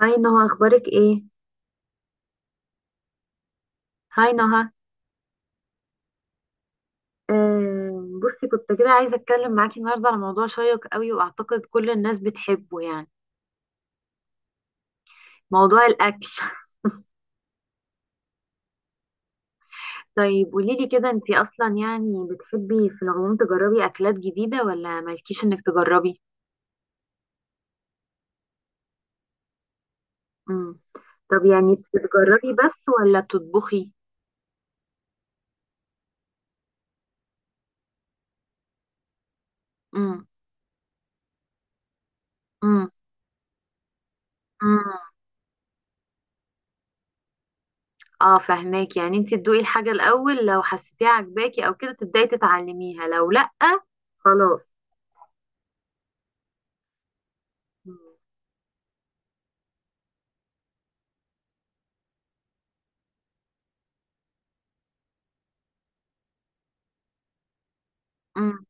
هاي نهى، اخبارك ايه هاي نهى آه، بصي كنت كده عايزه اتكلم معاكي النهارده على موضوع شيق قوي، واعتقد كل الناس بتحبه يعني. موضوع الاكل. طيب قولي لي كده، انتي اصلا يعني بتحبي في العموم تجربي اكلات جديده ولا مالكيش انك تجربي؟ امم. طب يعني بتجربي بس ولا بتطبخي؟ امم. امم. امم. اه فهماك، يعني انتي تدوقي الحاجه الاول، لو حسيتيها عجباكي او كده تبداي تتعلميها، لو لا خلاص. امم.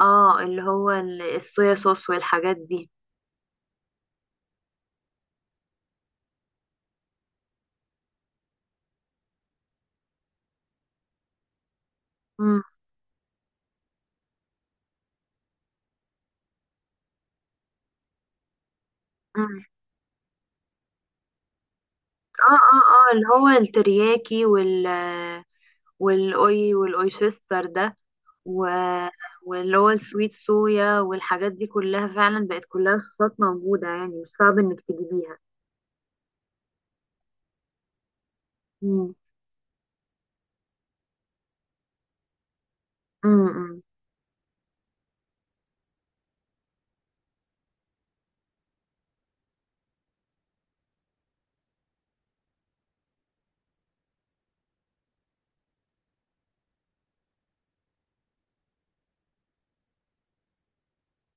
اه، اللي هو الصويا صوص والحاجات دي. مم. مم. اه اه اه، اللي هو الترياكي والاوي والاويشستر ده. و... واللي هو السويت صويا والحاجات دي كلها، فعلا بقت كلها صوصات موجودة يعني، مش صعب انك تجيبيها. مم. مم. مم.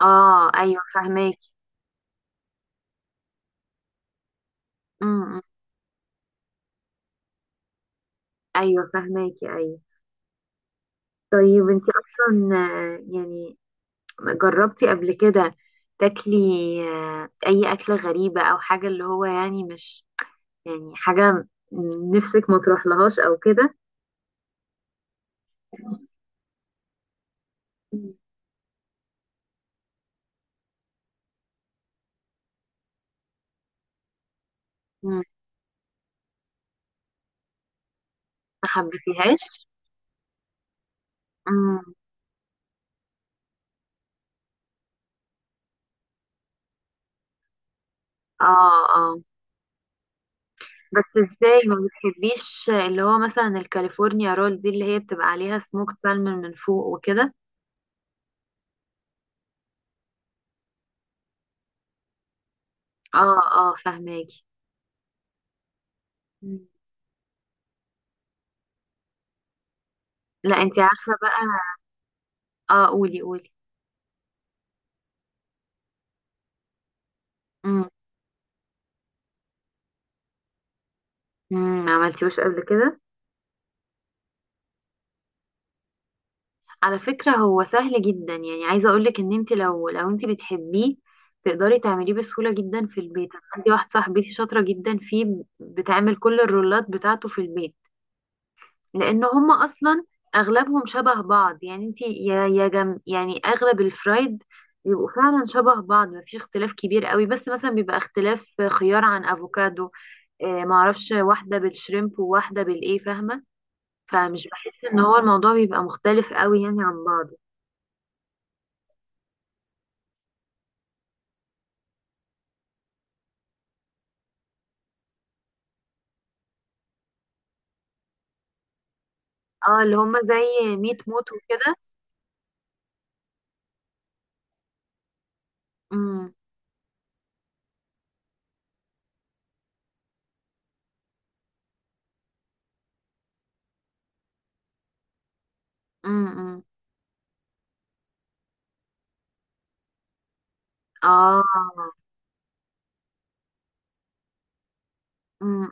اه، ايوه فهماكي. مم. مم. ايوه فهماكي، ايوه. طيب انت اصلا، يعني جربتي قبل كده تاكلي اي اكلة غريبة، او حاجة اللي هو يعني مش يعني حاجة نفسك ما تروحلهاش او كده؟ مم. ما حبيتيهاش؟ مم. اه اه. بس ازاي ما بتحبيش اللي هو مثلا الكاليفورنيا رول دي، اللي هي بتبقى عليها سموكت سالمون من فوق وكده؟ اه اه فهماكي. مم. لا انتي عارفة بقى. اه قولي قولي. عملتيهوش قبل كده؟ على فكرة هو سهل جدا، يعني عايزة اقولك ان انت لو انت بتحبيه تقدري تعمليه بسهولة جدا في البيت. انا عندي واحدة صاحبتي شاطرة جدا فيه، بتعمل كل الرولات بتاعته في البيت. لان هما اصلا اغلبهم شبه بعض، يعني انت يا جم، يعني اغلب الفرايد بيبقوا فعلا شبه بعض، مفيش اختلاف كبير قوي، بس مثلا بيبقى اختلاف خيار عن افوكادو. معرفش واحدة بالشريمب وواحدة بالايه، فاهمة. فمش بحس ان هو الموضوع بيبقى مختلف قوي يعني عن بعض. اه اللي هم زي ميت موت وكده. امم. امم. امم. اه. امم.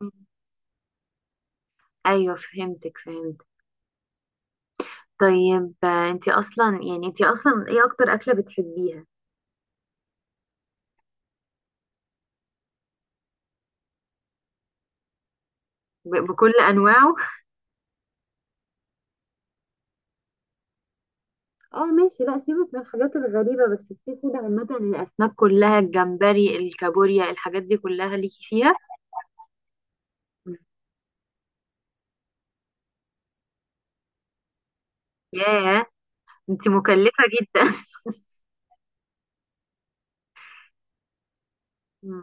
امم. ايوه فهمتك، فهمت. طيب انتي اصلا ايه اكتر اكله بتحبيها؟ بكل انواعه. اه ماشي، لا سيبك من الحاجات الغريبه، بس السي فود عامه الاسماك كلها الجمبري الكابوريا الحاجات دي كلها ليكي فيها؟ مم. ياه، انتي مكلفه جدا. مم.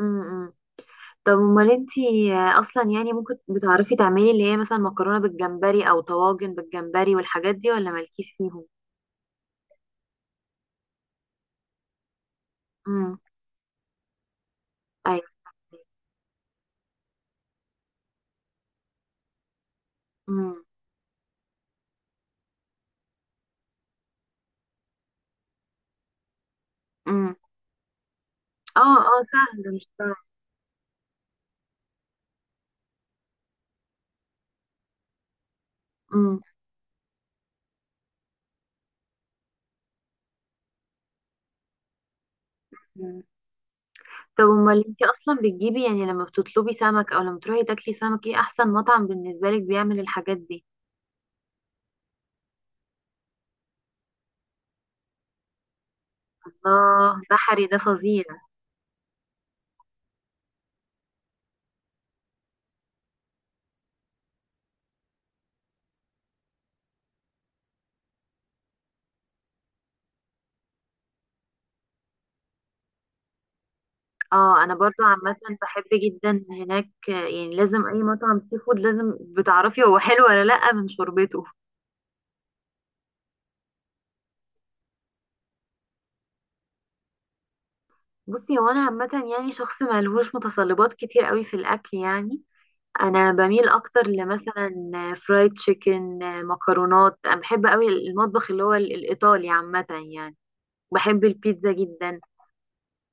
مم. طب امال انتي اصلا يعني، ممكن بتعرفي تعملي اللي هي مثلا مكرونه بالجمبري او طواجن بالجمبري والحاجات دي، ولا مالكيش فيهم؟ امم. ايوه. امم. امم. اه اه سهل، مش صعب. امم. أمم. طب امال انتي اصلا بتجيبي، يعني لما بتطلبي سمك او لما تروحي تاكلي سمك، ايه احسن مطعم بالنسبه لك بيعمل الحاجات دي؟ الله، بحري ده فظيع. اه انا برضو عامه بحب جدا هناك. يعني لازم اي مطعم سي فود لازم بتعرفي هو حلو ولا لا من شوربته. بصي هو انا عامه يعني شخص ملهوش متطلبات كتير قوي في الاكل يعني، انا بميل اكتر لمثلا فرايد تشيكن، مكرونات. انا بحب قوي المطبخ اللي هو الايطالي عامه، يعني بحب البيتزا جدا.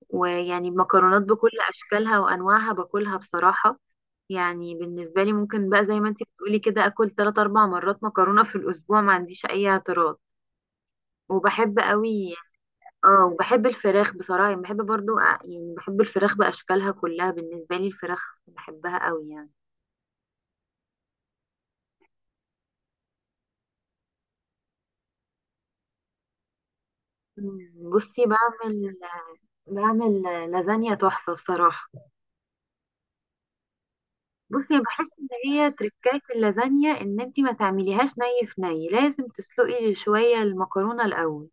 ويعني المكرونات بكل اشكالها وانواعها باكلها بصراحه، يعني بالنسبه لي ممكن بقى زي ما انت بتقولي كده اكل 3 4 مرات مكرونه في الاسبوع، ما عنديش اي اعتراض. وبحب قوي. اه، وبحب الفراخ بصراحة، يعني بحب برضو يعني بحب الفراخ بأشكالها كلها، بالنسبة لي الفراخ بحبها قوي يعني. مم. بصي بعمل لازانيا تحفة بصراحة. بصي يعني بحس ان هي تركاية اللازانيا ان انتي ما تعمليهاش ني في ني، لازم تسلقي شوية المكرونة الأول.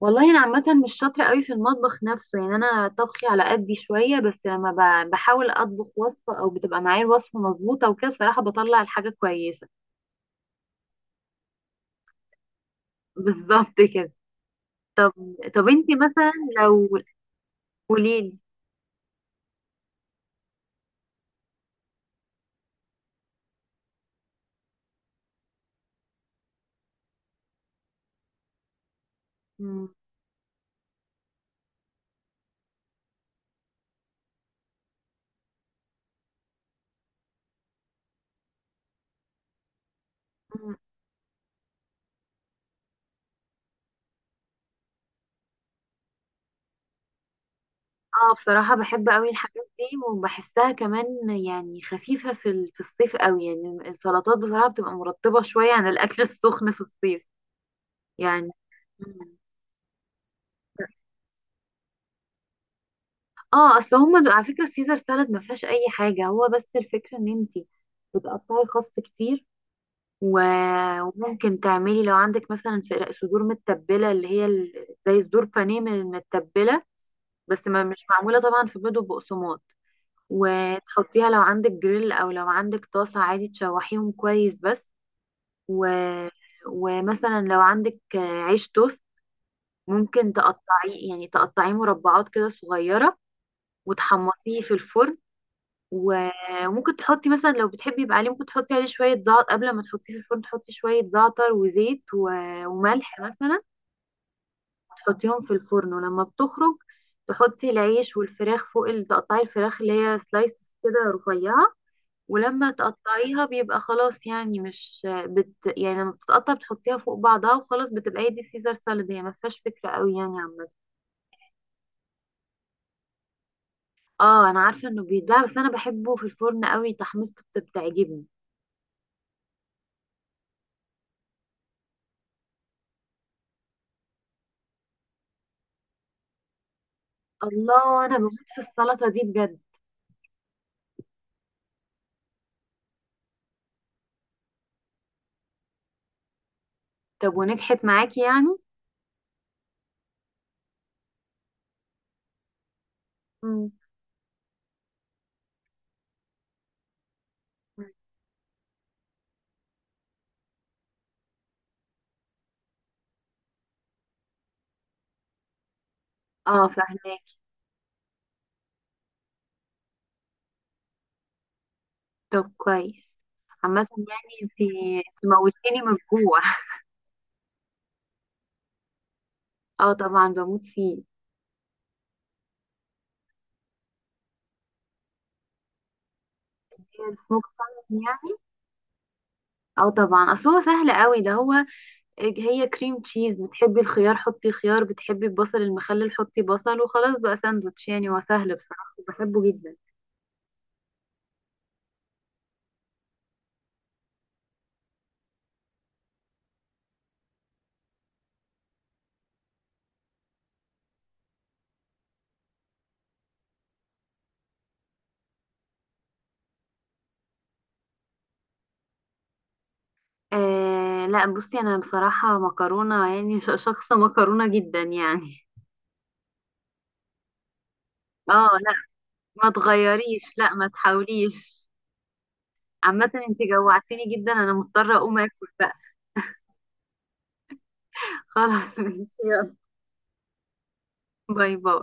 والله انا عامة مش شاطرة قوي في المطبخ نفسه يعني، انا طبخي على قدي شوية، بس لما بحاول اطبخ وصفة او بتبقى معايا الوصفة مظبوطة وكده بصراحة بطلع الحاجة كويسة. بالظبط كده. طب طب انتي مثلا لو قوليلي. مم. مم. اه بصراحة بحب قوي الحاجات دي، وبحسها كمان يعني خفيفة في في الصيف قوي. يعني السلطات بصراحة بتبقى مرطبة شوية عن الأكل السخن في الصيف يعني. مم. اه، اصل هما على فكرة السيزر سالاد ما فيهاش اي حاجة، هو بس الفكرة ان انتي بتقطعي خس كتير، وممكن تعملي لو عندك مثلا صدور متبلة، اللي هي زي صدور بانيه من المتبلة، بس ما مش معمولة طبعا في بيض وبقسماط، وتحطيها لو عندك جريل او لو عندك طاسة عادي تشوحيهم كويس بس. و... ومثلا لو عندك عيش توست ممكن تقطعيه مربعات كده صغيرة وتحمصيه في الفرن. و- وممكن تحطي مثلا لو بتحبي يبقى عليه، ممكن تحطي عليه شوية زعتر قبل ما تحطيه في الفرن، تحطي شوية زعتر وزيت و... وملح مثلا، تحطيهم في الفرن. ولما بتخرج تحطي العيش والفراخ فوق، تقطعي الفراخ اللي هي سلايس كده رفيعة، ولما تقطعيها بيبقى خلاص يعني مش يعني لما بتتقطع بتحطيها فوق بعضها وخلاص، بتبقى هي دي سيزر سالاد. هي ما فيهاش فكرة قوي يعني عامة. اه انا عارفة انه بيتباع، بس انا بحبه في الفرن قوي، تحميصته بتعجبني. الله انا بموت في السلطة دي بجد. طب ونجحت معاكي يعني؟ مم. اه فاهمة. طب كويس، عامة يعني انت موتيني من الجوع. اه طبعا بموت فيه. السموك سالمون يعني؟ اه طبعا، اصل هو سهل قوي ده، هو هي كريم تشيز، بتحبي الخيار حطي خيار، بتحبي البصل المخلل حطي بصل وخلاص بقى ساندوتش، يعني هو سهل بصراحة بحبه جدا. آه لا، بصي انا بصراحة مكرونة يعني شخصة مكرونة جدا يعني. اه لا، ما تغيريش، لا ما تحاوليش. عامة انت جوعتيني جدا، انا مضطرة اقوم اكل بقى. خلاص ماشي، يلا. باي باي.